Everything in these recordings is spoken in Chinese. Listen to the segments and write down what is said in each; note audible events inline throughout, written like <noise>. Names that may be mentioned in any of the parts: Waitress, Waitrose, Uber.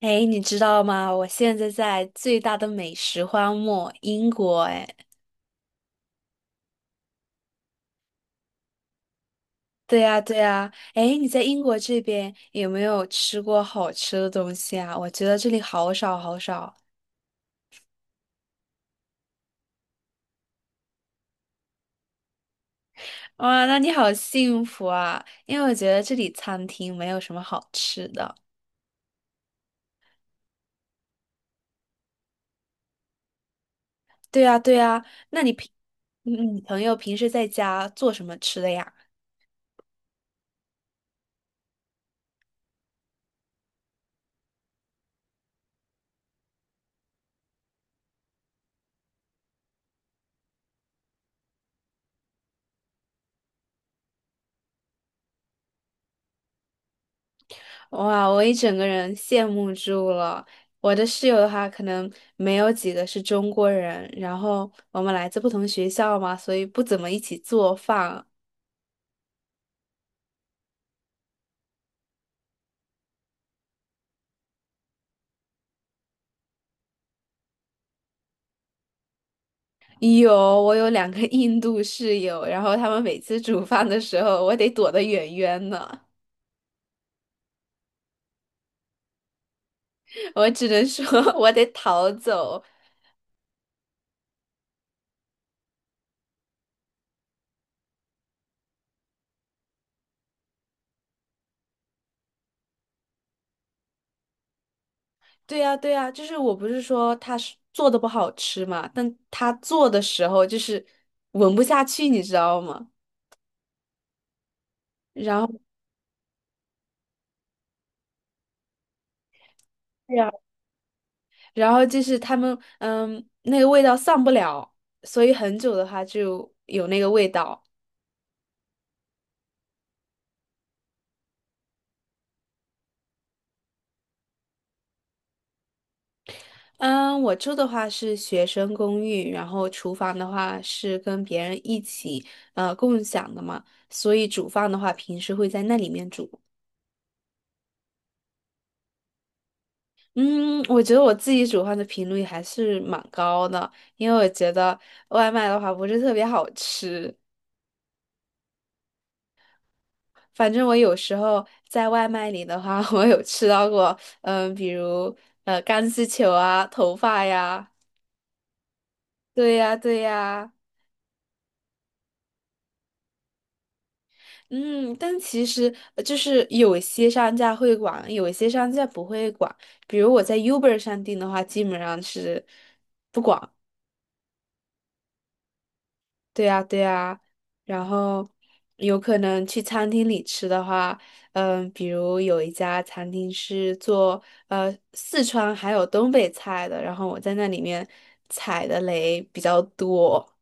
哎，你知道吗？我现在在最大的美食荒漠英国。哎，对呀，对呀。哎，你在英国这边有没有吃过好吃的东西啊？我觉得这里好少好少。哇，那你好幸福啊！因为我觉得这里餐厅没有什么好吃的。对呀，对呀。那你平，你朋友平时在家做什么吃的呀？哇，我一整个人羡慕住了。我的室友的话，可能没有几个是中国人，然后我们来自不同学校嘛，所以不怎么一起做饭。有，我有两个 <laughs> 印度室友，然后他们每次煮饭的时候，我得躲得远远的，<laughs> 我只能说 <laughs> 我得逃走。对呀，对呀，就是我不是说他是做的不好吃嘛，但他做的时候就是闻不下去，你知道吗？然后。对呀。然后就是他们，那个味道散不了，所以很久的话就有那个味道。嗯，我住的话是学生公寓，然后厨房的话是跟别人一起共享的嘛，所以煮饭的话平时会在那里面煮。嗯，我觉得我自己煮饭的频率还是蛮高的，因为我觉得外卖的话不是特别好吃。反正我有时候在外卖里的话，<laughs> 我有吃到过，比如钢丝球啊、头发呀，对呀、对呀、嗯，但其实就是有些商家会管，有些商家不会管。比如我在 Uber 上订的话，基本上是。对呀，对呀，然后有可能去餐厅里吃的话，比如有一家餐厅是做四川还有东北菜的，然后我在那里面踩的雷比较多。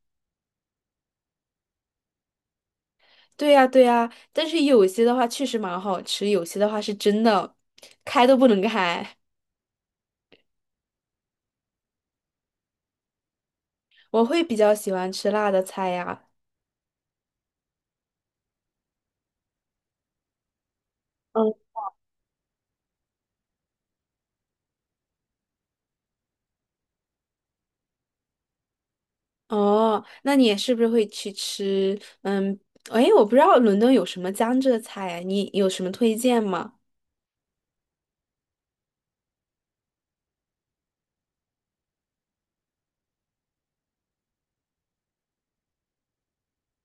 对呀，对呀，但是有些的话确实蛮好吃，有些的话是真的开都不能开。我会比较喜欢吃辣的菜呀。嗯。哦，那你也是不是会去吃？嗯，哎，我不知道伦敦有什么江浙菜啊，你有什么推荐吗？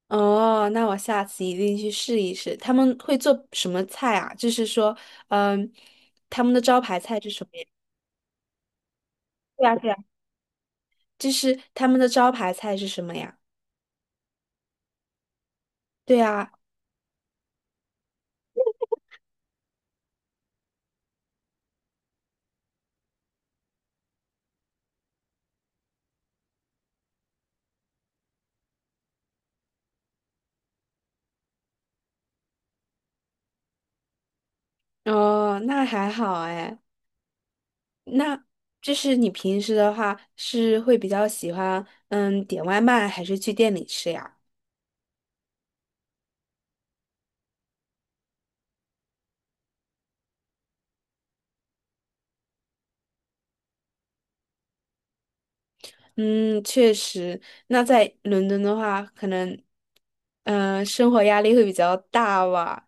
哦，那我下次一定去试一试。他们会做什么菜啊？就是说，嗯，他们的招牌菜是什么呀？对啊，对啊。就是他们的招牌菜是什么呀？对啊，哦，那还好哎。那就是你平时的话是会比较喜欢点外卖，还是去店里吃呀？嗯，确实。那在伦敦的话，可能，生活压力会比较大吧。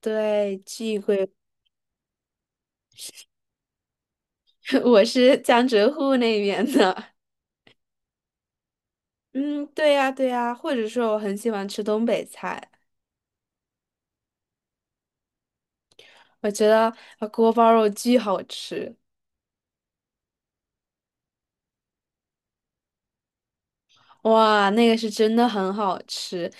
对，聚会，<laughs> 我是江浙沪那边的。嗯，对呀，对呀。或者说，我很喜欢吃东北菜，我觉得锅包肉巨好吃。哇，那个是真的很好吃。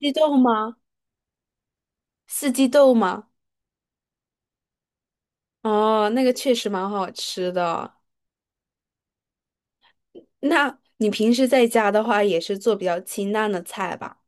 鸡豆吗？四季豆吗？哦，那个确实蛮好吃的。那你平时在家的话，也是做比较清淡的菜吧？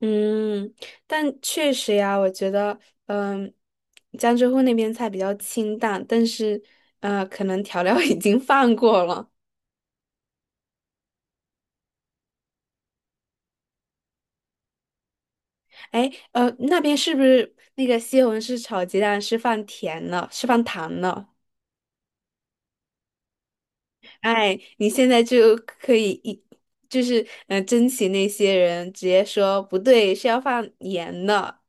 嗯，但确实呀，我觉得，嗯，江浙沪那边菜比较清淡，但是，可能调料 <laughs> 已经放过了。哎，那边是不是那个西红柿炒鸡蛋是放甜了，是放糖了？哎，你现在就可以就是，珍惜那些人，直接说不对，是要放盐的。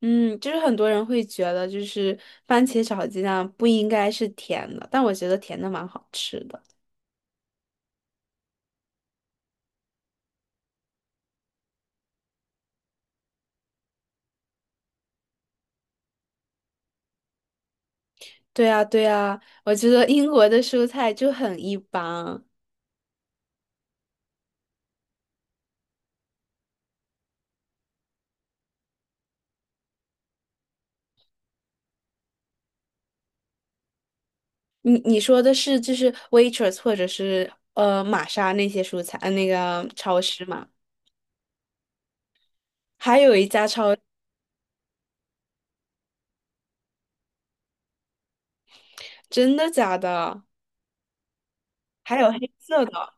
嗯，就是很多人会觉得，就是番茄炒鸡蛋不应该是甜的，但我觉得甜的蛮好吃的。对啊，对啊，我觉得英国的蔬菜就很一般。你说的是就是 Waitrose 或者是玛莎那些蔬菜，那个超市嘛？还有一家超，真的假的？还有黑色的？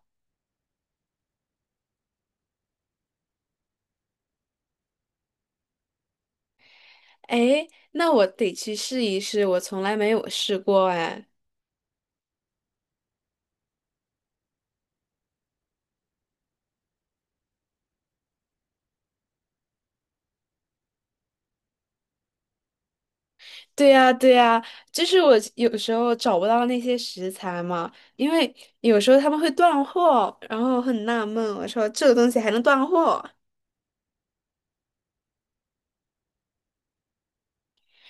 哎，那我得去试一试，我从来没有试过哎。对呀，对呀，就是我有时候找不到那些食材嘛，因为有时候他们会断货，然后很纳闷，我说这个东西还能断货。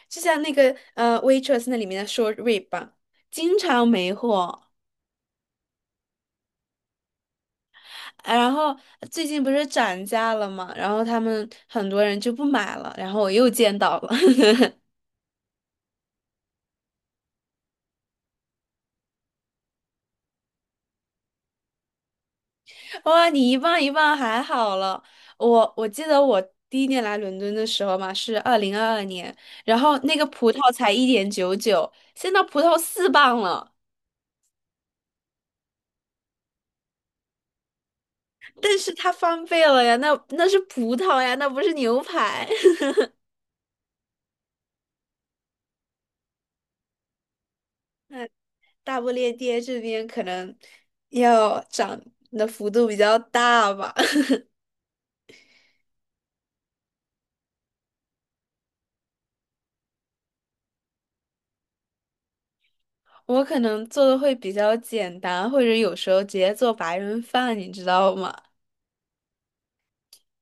就像那个Waitress 那里面的 short rib 吧经常没货。啊然后最近不是涨价了嘛，然后他们很多人就不买了，然后我又见到了，<laughs> 哇，你一磅一磅还好了。我记得我第一年来伦敦的时候嘛，是2022年，然后那个葡萄才1.99，现在葡萄4磅了，但是它翻倍了呀，那是葡萄呀，那不是牛排。大不列颠这边可能要涨的幅度比较大吧，<laughs> 我可能做的会比较简单，或者有时候直接做白人饭，你知道吗？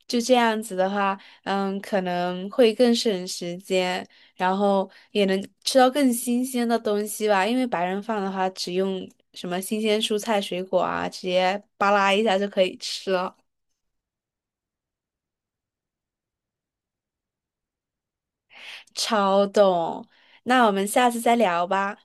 就这样子的话，可能会更省时间，然后也能吃到更新鲜的东西吧。因为白人饭的话，只用什么新鲜蔬菜水果啊，直接扒拉一下就可以吃了，超懂。那我们下次再聊吧。